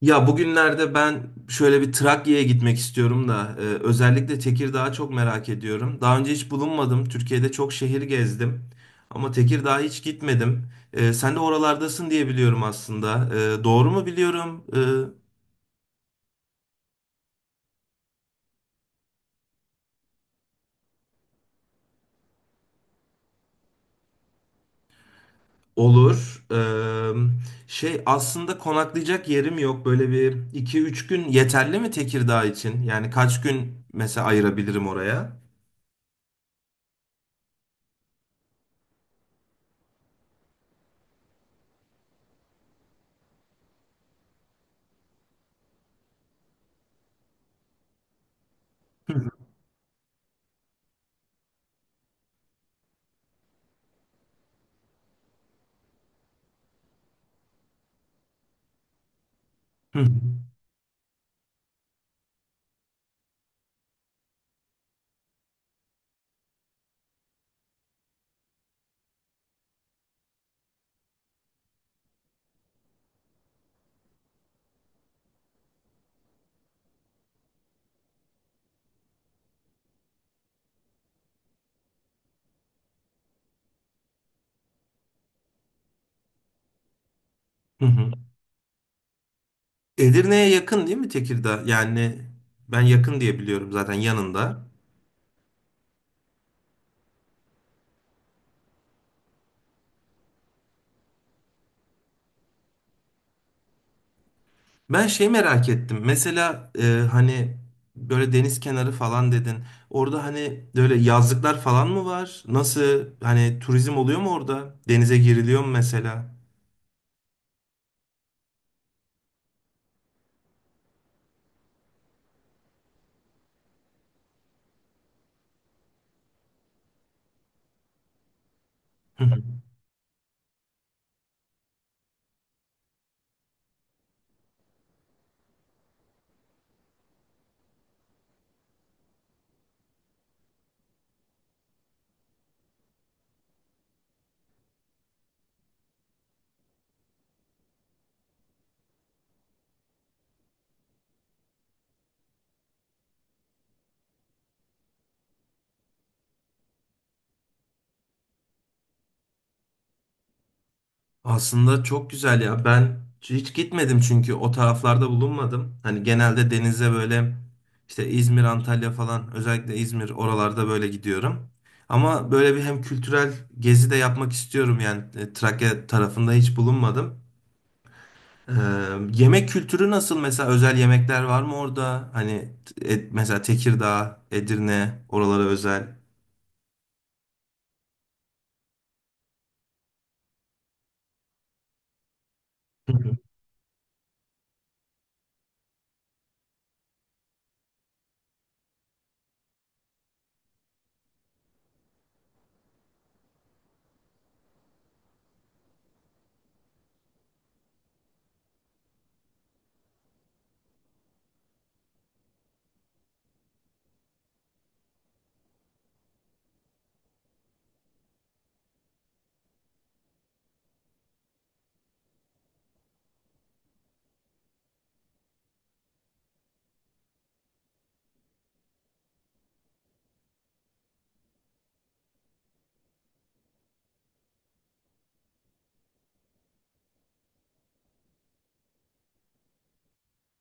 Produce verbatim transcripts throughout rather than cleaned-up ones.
Ya bugünlerde ben şöyle bir Trakya'ya gitmek istiyorum da e, özellikle Tekirdağ'ı çok merak ediyorum. Daha önce hiç bulunmadım. Türkiye'de çok şehir gezdim ama Tekirdağ'a hiç gitmedim. E, sen de oralardasın diye biliyorum aslında. E, doğru mu biliyorum? E, olur. E, şey, aslında konaklayacak yerim yok. Böyle bir iki üç gün yeterli mi Tekirdağ için? Yani kaç gün mesela ayırabilirim oraya? Hı hı. Hı hı. Edirne'ye yakın değil mi Tekirdağ? Yani ben yakın diye biliyorum zaten yanında. Ben şey merak ettim. Mesela e, hani böyle deniz kenarı falan dedin. Orada hani böyle yazlıklar falan mı var? Nasıl, hani turizm oluyor mu orada? Denize giriliyor mu mesela? Aslında çok güzel ya. Ben hiç gitmedim çünkü o taraflarda bulunmadım. Hani genelde denize böyle işte İzmir, Antalya falan, özellikle İzmir, oralarda böyle gidiyorum. Ama böyle bir hem kültürel gezi de yapmak istiyorum yani. E, Trakya tarafında hiç bulunmadım. Ee, Yemek kültürü nasıl mesela, özel yemekler var mı orada? Hani e, mesela Tekirdağ, Edirne, oralara özel. Hı hı.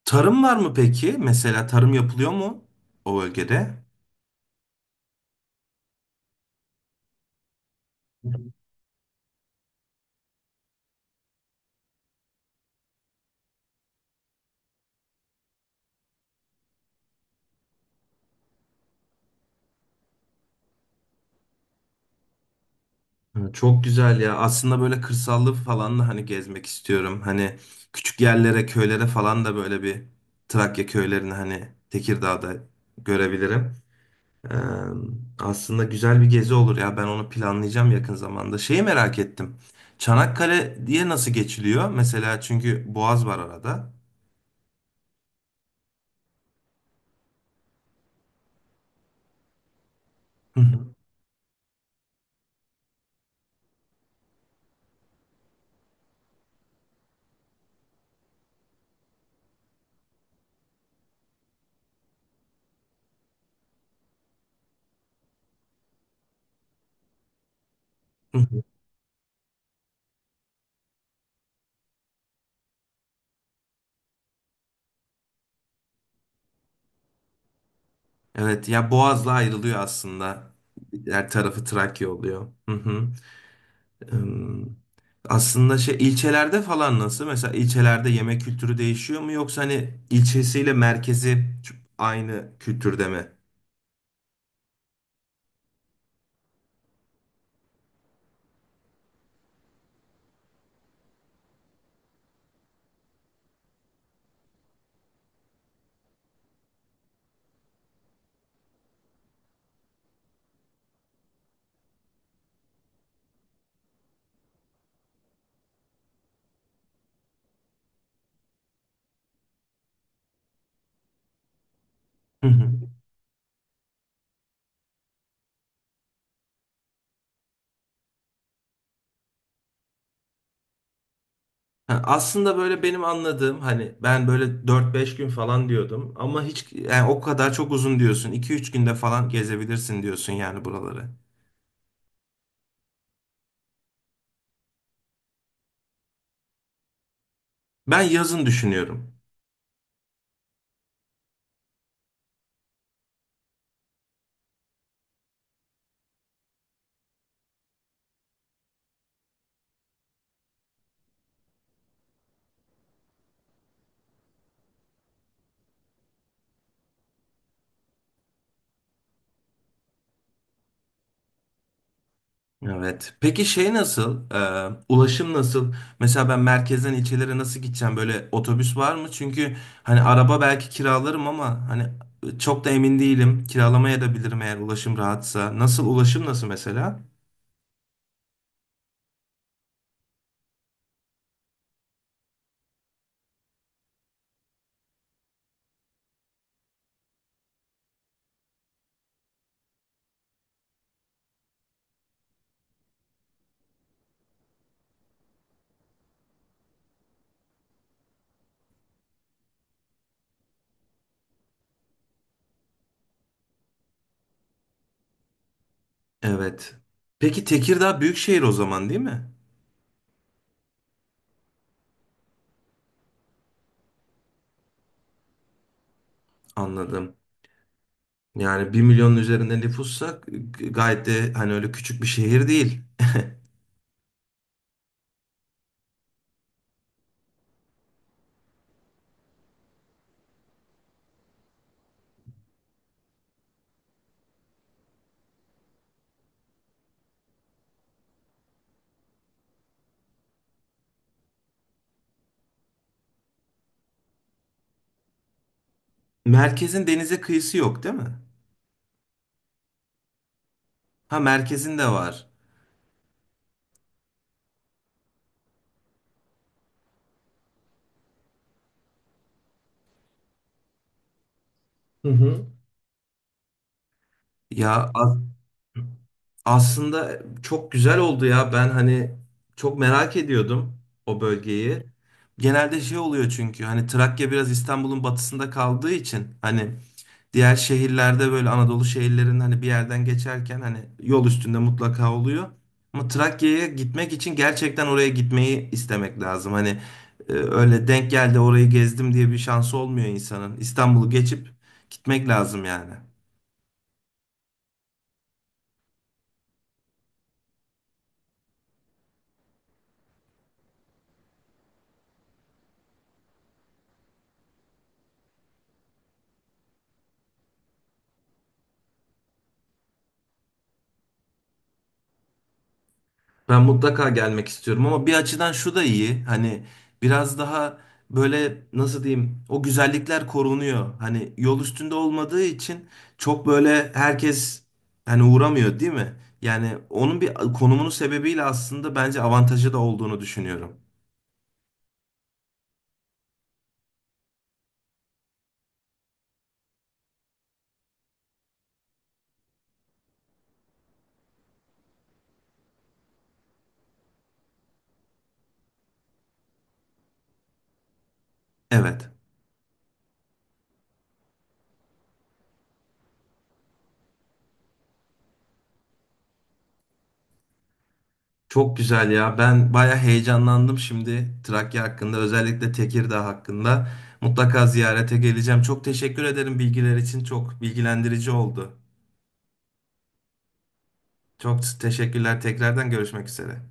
Tarım var mı peki? Mesela tarım yapılıyor mu o bölgede? Ha, çok güzel ya. Aslında böyle kırsallı falan da hani gezmek istiyorum. Hani küçük yerlere, köylere falan da böyle bir Trakya köylerini hani Tekirdağ'da görebilirim. Ee, aslında güzel bir gezi olur ya. Ben onu planlayacağım yakın zamanda. Şeyi merak ettim. Çanakkale diye nasıl geçiliyor? Mesela, çünkü Boğaz var arada. Hı hı, hı hı. Evet ya, Boğaz'la ayrılıyor aslında. Her tarafı Trakya oluyor. Hı hı. Im, aslında şey, ilçelerde falan nasıl? Mesela ilçelerde yemek kültürü değişiyor mu, yoksa hani ilçesiyle merkezi aynı kültürde mi? Hı hı. Ha, aslında böyle benim anladığım, hani ben böyle dört beş gün falan diyordum ama hiç, yani o kadar çok uzun diyorsun. İki üç günde falan gezebilirsin diyorsun yani buraları. Ben yazın düşünüyorum. Evet. Peki şey nasıl? Ee, ulaşım nasıl? Mesela ben merkezden ilçelere nasıl gideceğim? Böyle otobüs var mı? Çünkü hani araba belki kiralarım ama hani çok da emin değilim. Kiralamaya da bilirim eğer ulaşım rahatsa. Nasıl, ulaşım nasıl mesela? Evet. Peki Tekirdağ büyük şehir o zaman değil mi? Anladım. Yani bir milyonun üzerinde nüfussa, g- gayet de hani öyle küçük bir şehir değil. Merkezin denize kıyısı yok değil mi? Ha, merkezin de var. Hı hı. Ya az. Aslında çok güzel oldu ya. Ben hani çok merak ediyordum o bölgeyi. Genelde şey oluyor, çünkü hani Trakya biraz İstanbul'un batısında kaldığı için hani diğer şehirlerde böyle, Anadolu şehirlerinin hani bir yerden geçerken hani yol üstünde mutlaka oluyor. Ama Trakya'ya gitmek için gerçekten oraya gitmeyi istemek lazım. Hani e, öyle denk geldi orayı gezdim diye bir şansı olmuyor insanın. İstanbul'u geçip gitmek lazım yani. Ben mutlaka gelmek istiyorum ama bir açıdan şu da iyi. Hani biraz daha böyle, nasıl diyeyim, o güzellikler korunuyor. Hani yol üstünde olmadığı için çok böyle herkes hani uğramıyor değil mi? Yani onun bir konumunun sebebiyle aslında bence avantajı da olduğunu düşünüyorum. Evet. Çok güzel ya. Ben baya heyecanlandım şimdi Trakya hakkında, özellikle Tekirdağ hakkında. Mutlaka ziyarete geleceğim. Çok teşekkür ederim bilgiler için. Çok bilgilendirici oldu. Çok teşekkürler. Tekrardan görüşmek üzere.